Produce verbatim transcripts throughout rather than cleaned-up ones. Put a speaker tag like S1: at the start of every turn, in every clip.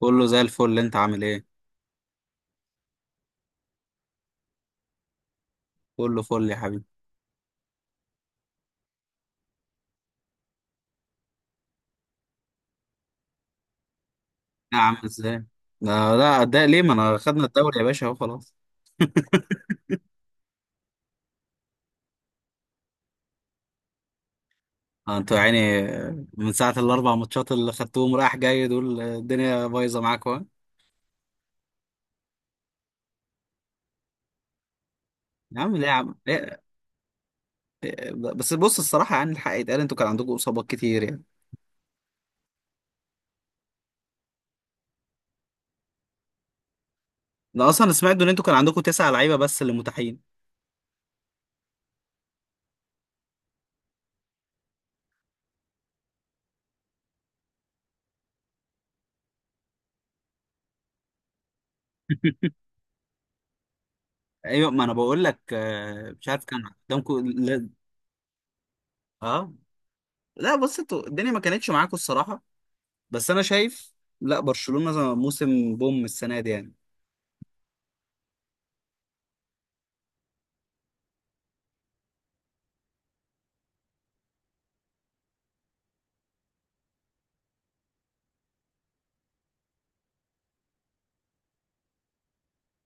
S1: كله زي الفل، انت عامل ايه؟ كله فل يا حبيبي. لا يا عم، ازاي؟ لا لا ده ليه؟ ما انا خدنا الدوري يا باشا، اهو خلاص. اه، انتوا يعني من ساعة الاربع ماتشات اللي خدتوهم رايح جاي دول، الدنيا بايظة معاكوا ها؟ يا عم ليه؟ يا عم ليه؟ بس بص، الصراحة يعني الحق يتقال، انتوا كان عندكم اصابات كتير يعني. انا اصلا سمعت ان انتوا كان عندكم تسع لعيبة بس اللي متاحين. ايوه، ما انا بقول لك، آه، مش عارف كان قدامكم لا- اه لا. بص انتوا الدنيا ما كانتش معاكم الصراحة، بس انا شايف لا برشلونة موسم بوم السنة دي يعني.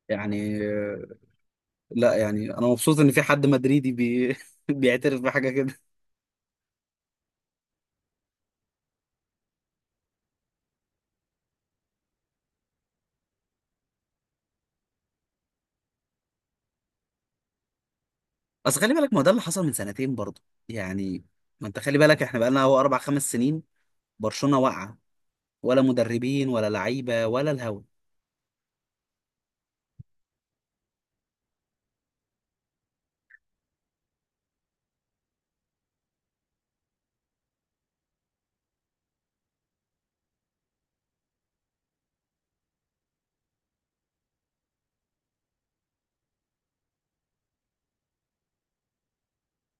S1: يعني آه، لا يعني انا مبسوط ان في حد مدريدي بي... بيعترف بحاجة كده. بس خلي بالك، ما ده اللي حصل من سنتين برضه يعني. ما انت خلي بالك، احنا بقالنا هو اربع خمس سنين برشلونة واقعة، ولا مدربين ولا لعيبة ولا الهوا.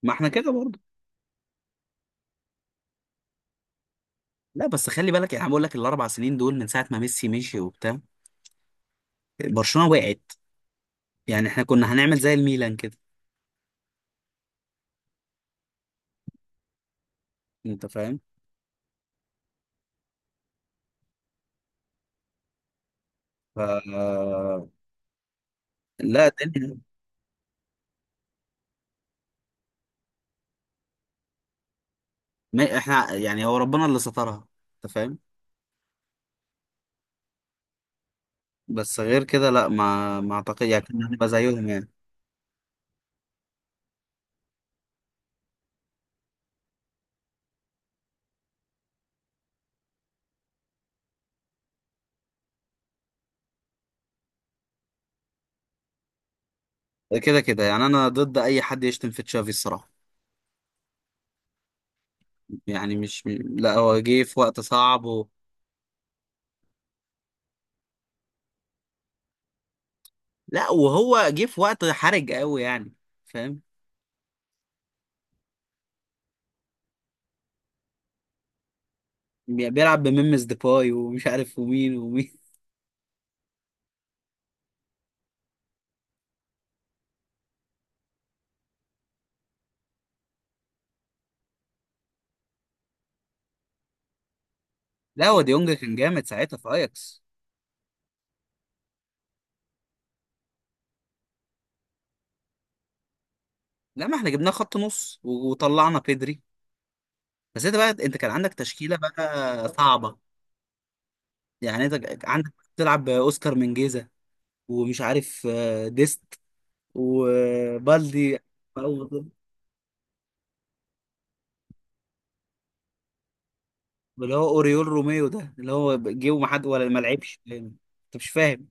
S1: ما احنا كده برضه. لا بس خلي بالك يعني، أنا بقول لك الاربع سنين دول من ساعة ما ميسي مشي وبتاع، برشلونة وقعت. يعني احنا كنا هنعمل زي الميلان كده، انت فاهم؟ ف لا الدنيا. ما احنا يعني هو ربنا اللي سترها، انت فاهم. بس غير كده لا، ما ما اعتقد يعني كنا هنبقى زيهم يعني. كده كده يعني انا ضد اي حد يشتم في تشافي الصراحه يعني. مش م- لا، هو جه في وقت صعب و... لا، وهو جه في وقت حرج قوي يعني، فاهم. بي- بيلعب بميمس ديباي ومش عارف ومين ومين. لا هو ديونج كان جامد ساعتها في اياكس. لا ما احنا جبناه خط نص و- وطلعنا بيدري. بس انت بقى انت كان عندك تشكيله بقى صعبه يعني. انت عندك تلعب باوسكار منجيزة، ومش عارف آه، ديست، وبالدي. أو- اللي هو اوريول روميو ده، اللي هو جه وما حد ولا ما لعبش انت، مش فاهم.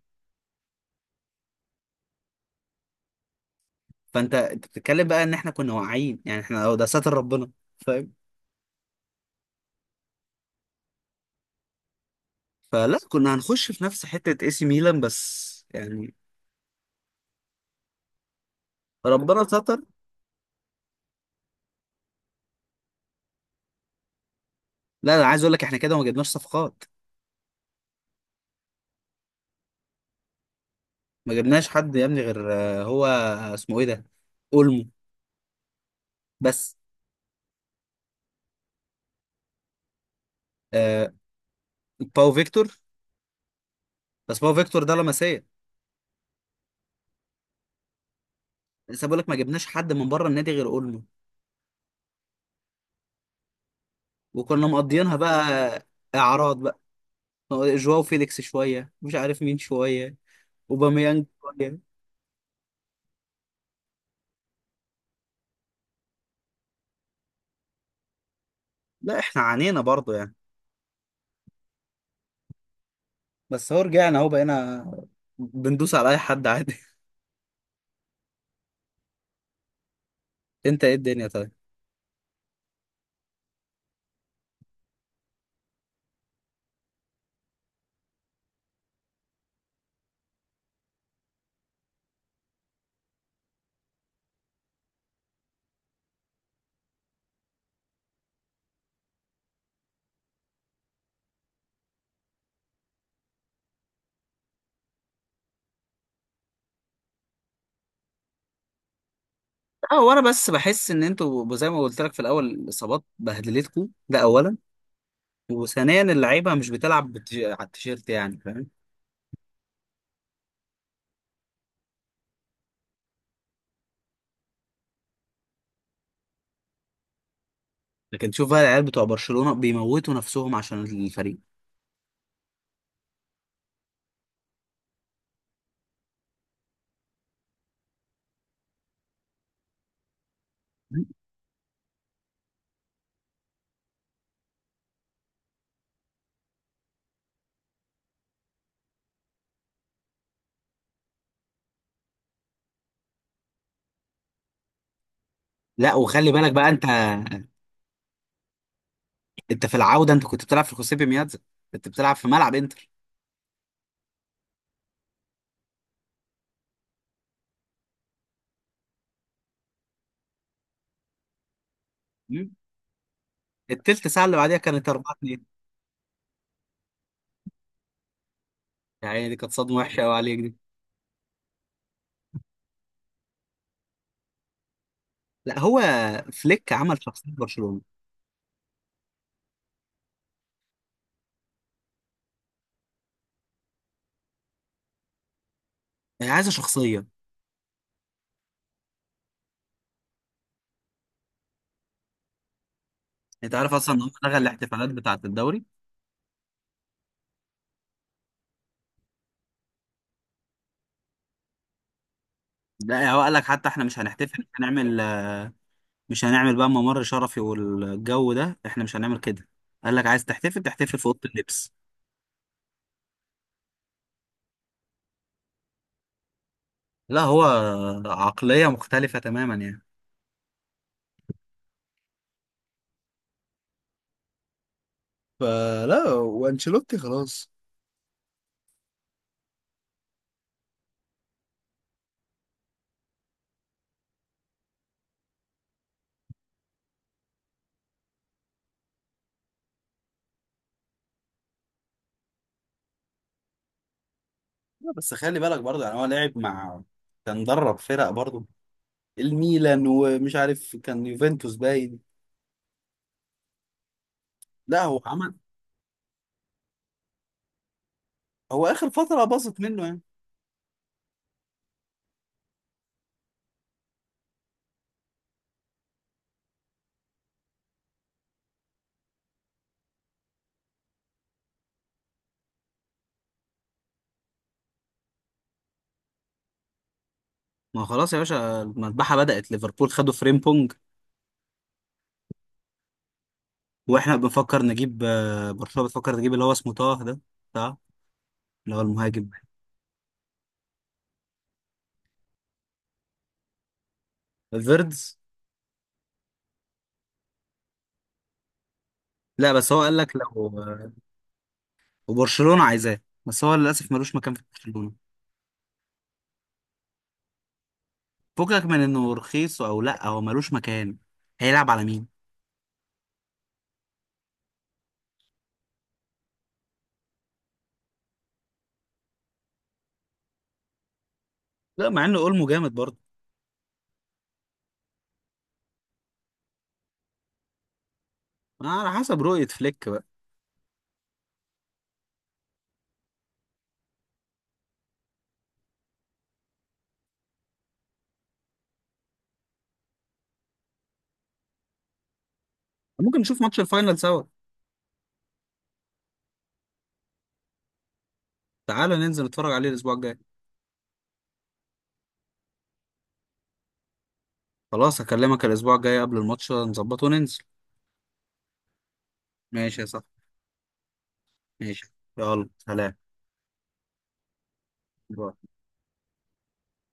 S1: فانت انت بتتكلم بقى ان احنا كنا واعيين يعني، احنا أهو ده ساتر ربنا، فاهم. فلا كنا هنخش في نفس حته اي سي ميلان بس يعني. ربنا ستر. لا انا عايز اقول لك احنا كده ما جبناش صفقات. ما جبناش حد يا ابني غير آه، هو آه، اسمه ايه ده، اولمو، بس. آه، باو فيكتور. بس باو فيكتور ده لمسيه. لسه بقول لك ما جبناش حد من بره النادي غير اولمو، وكنا مقضيينها بقى. اعراض بقى، جواو فيليكس شويه، مش عارف مين شويه، اوباميانج شويه. لا احنا عانينا برضو يعني، بس هو رجعنا اهو، بقينا بندوس على اي حد عادي. انت ايه الدنيا طيب. اه، وانا بس بحس ان انتوا زي ما قلت لك في الاول، الاصابات بهدلتكم ده اولا، وثانيا اللعيبه مش بتلعب بتج... على التيشيرت يعني، فاهم. لكن تشوف بقى العيال بتوع برشلونه بيموتوا نفسهم عشان الفريق. لا وخلي بالك بقى انت، انت في العودة انت كنت بتلعب في الخصيبي ميادزا، كنت بتلعب في ملعب انتر. مم. التلت ساعة اللي بعديها كانت اربعة اتنين. يعني دي كانت صدمة وحشة قوي عليك دي. لا هو فليك عمل شخصية برشلونة. هي عايزة شخصية. انت عارف اصلا ان هو لغى الاحتفالات بتاعة الدوري؟ لا هو قال لك حتى احنا مش هنحتفل، مش هنعمل، مش هنعمل بقى ممر شرفي والجو ده، احنا مش هنعمل كده. قال لك عايز تحتفل تحتفل في اوضه اللبس. لا هو عقليه مختلفه تماما يعني. فلا وانشيلوتي خلاص. لا، بس خلي بالك برضه يعني، هو لعب مع، كان درب فرق برضه، الميلان ومش عارف كان يوفنتوس باين. لا هو عمل، هو اخر فتره باظت منه يعني. ما خلاص يا باشا، المذبحه بدات، ليفربول خدوا فريمبونج. واحنا بنفكر نجيب، آه، برشلونه بتفكر تجيب اللي هو اسمه طه ده، بتاع، اللي هو المهاجم، فيردز. لا بس هو قال لك لو آه، وبرشلونه عايزاه، بس هو للاسف ملوش مكان في برشلونه. فكك من انه رخيص او لا، هو ملوش مكان، هيلعب على مين؟ لا مع انه اولمو جامد برضه. على حسب رؤية فليك بقى. ممكن نشوف ماتش الفاينل سوا. تعالى ننزل نتفرج عليه الأسبوع الجاي. خلاص هكلمك الأسبوع الجاي قبل الماتش نظبطه وننزل. ماشي يا صاحبي. ماشي. يلا سلام. باي.